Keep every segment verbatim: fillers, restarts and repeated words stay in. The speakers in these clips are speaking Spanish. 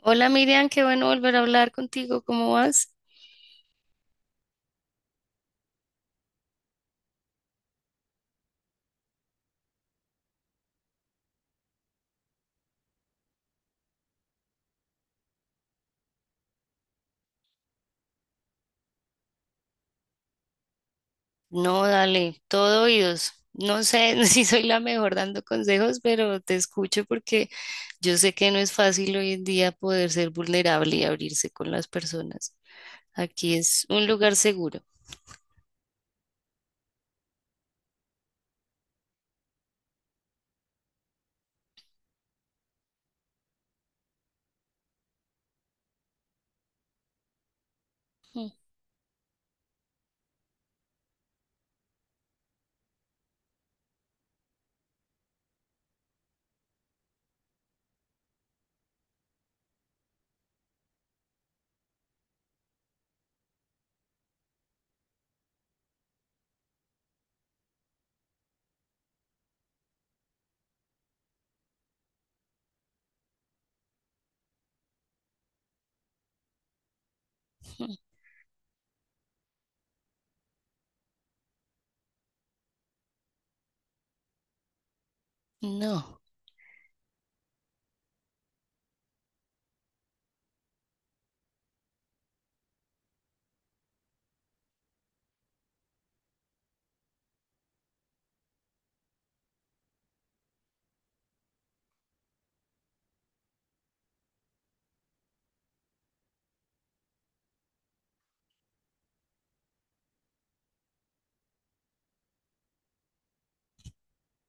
Hola Miriam, qué bueno volver a hablar contigo, ¿cómo vas? No, dale, todo oídos. No sé si soy la mejor dando consejos, pero te escucho porque yo sé que no es fácil hoy en día poder ser vulnerable y abrirse con las personas. Aquí es un lugar seguro. Ujú. No.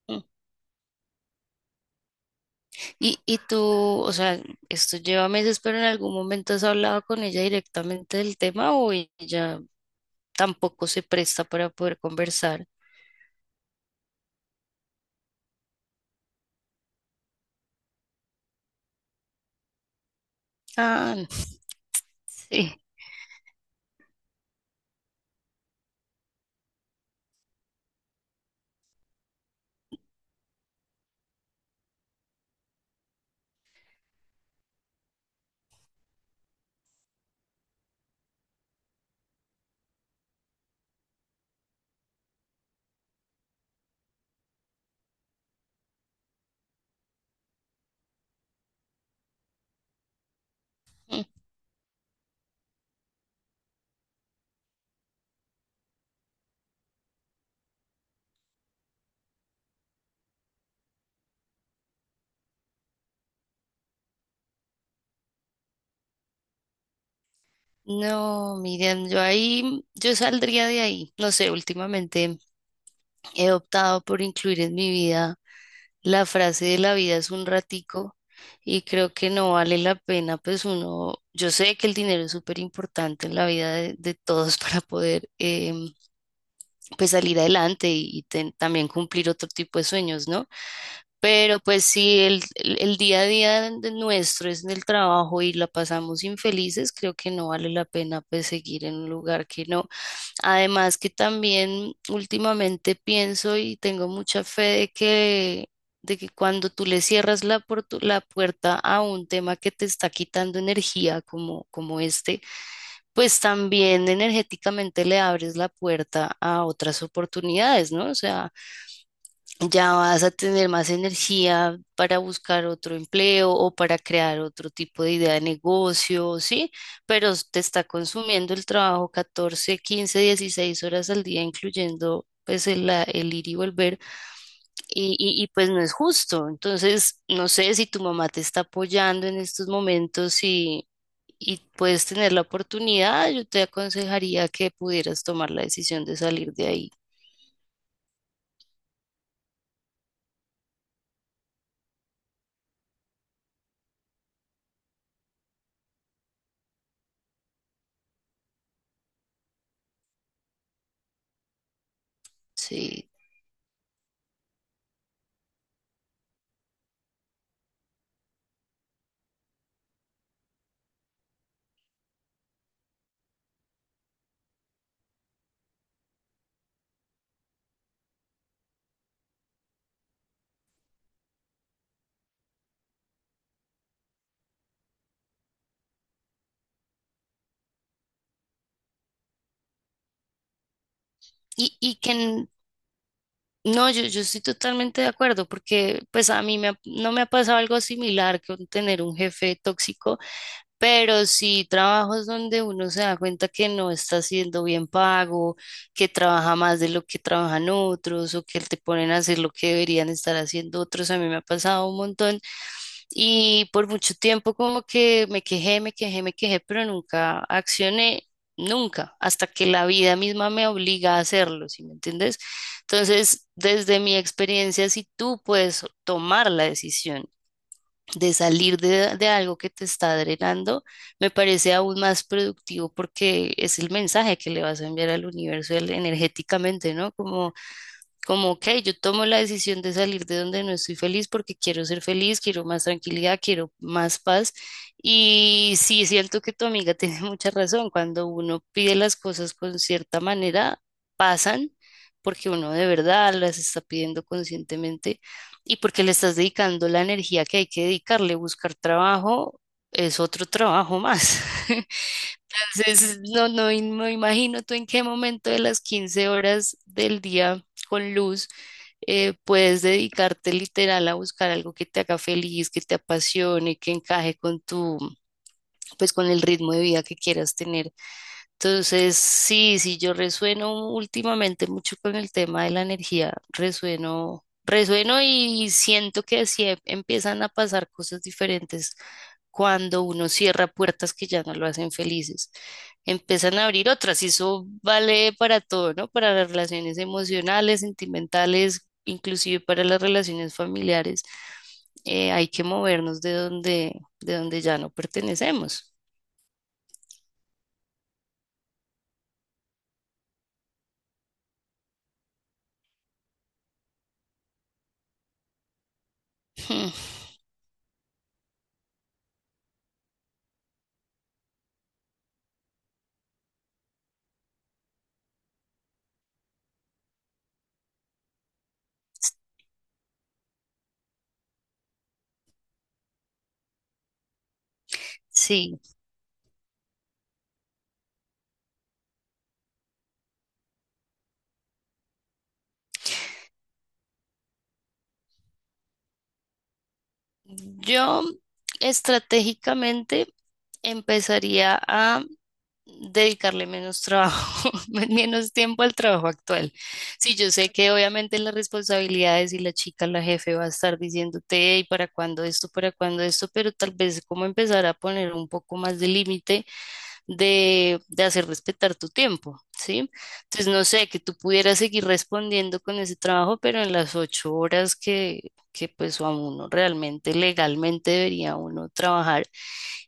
Ujú. Y, y tú, o sea, esto lleva meses, pero en algún momento has hablado con ella directamente del tema o ella tampoco se presta para poder conversar. Ah, sí. No, Miriam, yo ahí, yo saldría de ahí. No sé, últimamente he optado por incluir en mi vida la frase de la vida es un ratico y creo que no vale la pena, pues uno, yo sé que el dinero es súper importante en la vida de, de todos para poder eh, pues salir adelante y, y ten- también cumplir otro tipo de sueños, ¿no? Pero pues si el, el- el día a día de nuestro es en el trabajo y la pasamos infelices, creo que no vale la pena pues seguir en un lugar que no. Además que también últimamente pienso y tengo mucha fe de que, de que cuando tú le cierras la, portu- la puerta a un tema que te está quitando energía como, como este, pues también energéticamente le abres la puerta a otras oportunidades, ¿no? O sea, ya vas a tener más energía para buscar otro empleo o para crear otro tipo de idea de negocio, ¿sí? Pero s- te está consumiendo el trabajo catorce quince dieciséis horas al día, incluyendo pues el, la- el ir y volver, y, y, y, pues no es justo. Entonces, no sé si tu mamá te está apoyando en estos momentos y, y puedes tener la oportunidad, yo te aconsejaría que pudieras tomar la decisión de salir de ahí, ¿sí? Y, y que no, yo, yo estoy totalmente de acuerdo porque pues a mí me ha- no me ha pasado algo similar con tener un jefe tóxico, pero sí trabajos donde uno se da cuenta que no está siendo bien pago, que trabaja más de lo que trabajan otros o que te ponen a hacer lo que deberían estar haciendo otros. A mí me ha pasado un montón y por mucho tiempo como que me quejé, me quejé, me quejé, pero nunca accioné, nunca, hasta que la vida misma me obliga a hacerlo, ¿sí me entiendes? Entonces, desde mi experiencia, si tú puedes tomar la decisión de salir de, de algo que te está drenando, me parece aún más productivo porque es el mensaje que le vas a enviar al universo el- energéticamente, ¿no? Como como, ok, yo tomo la decisión de salir de donde no estoy feliz porque quiero ser feliz, quiero más tranquilidad, quiero más paz. Y sí, siento que tu amiga tiene mucha razón. Cuando uno pide las cosas con cierta manera, pasan porque uno de verdad las está pidiendo conscientemente y porque le estás dedicando la energía que hay que dedicarle. Buscar trabajo es otro trabajo más. Entonces, no, no, im- no imagino tú en qué momento de las quince horas del día con luz, eh, puedes dedicarte literal a buscar algo que te haga feliz, que te apasione, que encaje con tu, pues con el ritmo de vida que quieras tener. Entonces, sí, sí, yo resueno últimamente mucho con el tema de la energía, resueno, resueno y siento que así em- empiezan a pasar cosas diferentes cuando uno cierra puertas que ya no lo hacen felices. Empiezan a abrir otras y eso vale para todo, ¿no? Para las relaciones emocionales, sentimentales, inclusive para las relaciones familiares. Eh, hay que movernos de donde, de donde ya no pertenecemos. Hmm. Sí, yo estratégicamente empezaría a dedicarle menos trabajo, men- menos tiempo al trabajo actual. Sí, yo sé que obviamente las responsabilidades y la chica, la jefe va a estar diciéndote, y para cuándo esto, para cuándo esto, pero tal vez como empezar a poner un poco más de límite de, de hacer respetar tu tiempo, ¿sí? Entonces, no sé, que tú pudieras seguir respondiendo con ese trabajo, pero en las ocho horas que, que pues a uno realmente legalmente debería uno trabajar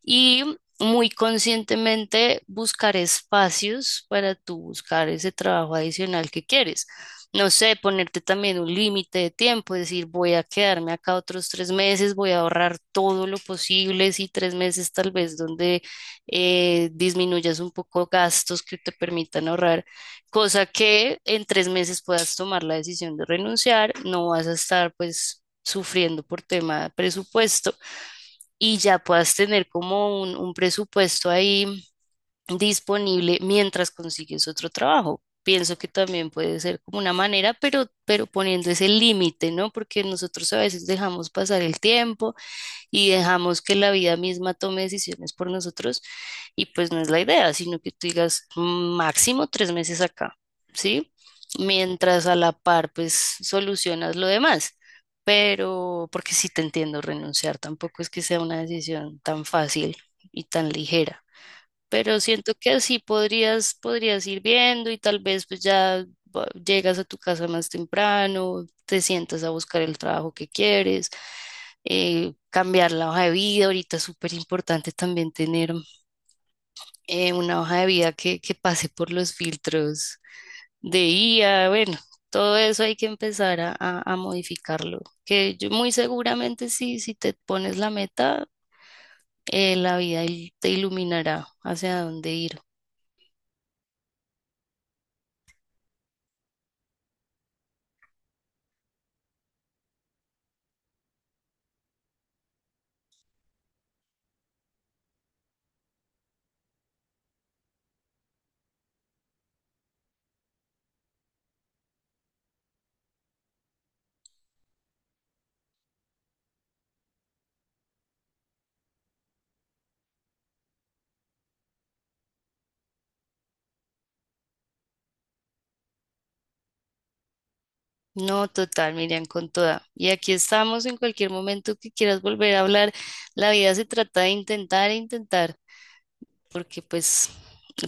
y muy conscientemente buscar espacios para tú buscar ese trabajo adicional que quieres. No sé, ponerte también un límite de tiempo, decir, voy a quedarme acá otros tres meses, voy a ahorrar todo lo posible, si tres meses tal vez donde eh, disminuyas un poco gastos que te permitan ahorrar, cosa que en tres meses puedas tomar la decisión de renunciar, no vas a estar pues sufriendo por tema de presupuesto y ya puedas tener como un, un presupuesto ahí disponible mientras consigues otro trabajo. Pienso que también puede ser como una manera, pero, pero poniendo ese límite, ¿no? Porque nosotros a veces dejamos pasar el tiempo y dejamos que la vida misma tome decisiones por nosotros y pues no es la idea, sino que tú digas máximo tres meses acá, ¿sí? Mientras a la par pues solucionas lo demás. Pero, porque sí te entiendo, renunciar tampoco es que sea una decisión tan fácil y tan ligera, pero siento que así podrías, podrías ir viendo y tal vez pues ya va- llegas a tu casa más temprano, te sientas a buscar el trabajo que quieres, eh, cambiar la hoja de vida. Ahorita es súper importante también tener eh, una hoja de vida que, que pase por los filtros de I A, bueno. Todo eso hay que empezar a, a- a modificarlo, que yo muy seguramente sí, si te pones la meta, eh, la vida il- te iluminará hacia dónde ir. No, total, Miriam, con toda. Y aquí estamos en cualquier momento que quieras volver a hablar. La vida se trata de intentar e intentar, porque pues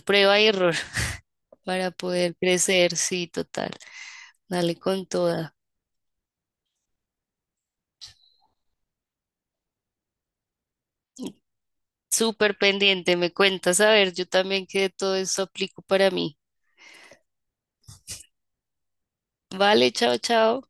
prueba y error para poder crecer, sí, total. Dale con toda. Súper pendiente, me cuentas, a ver, yo también que todo esto aplico para mí. Vale, chao, chao.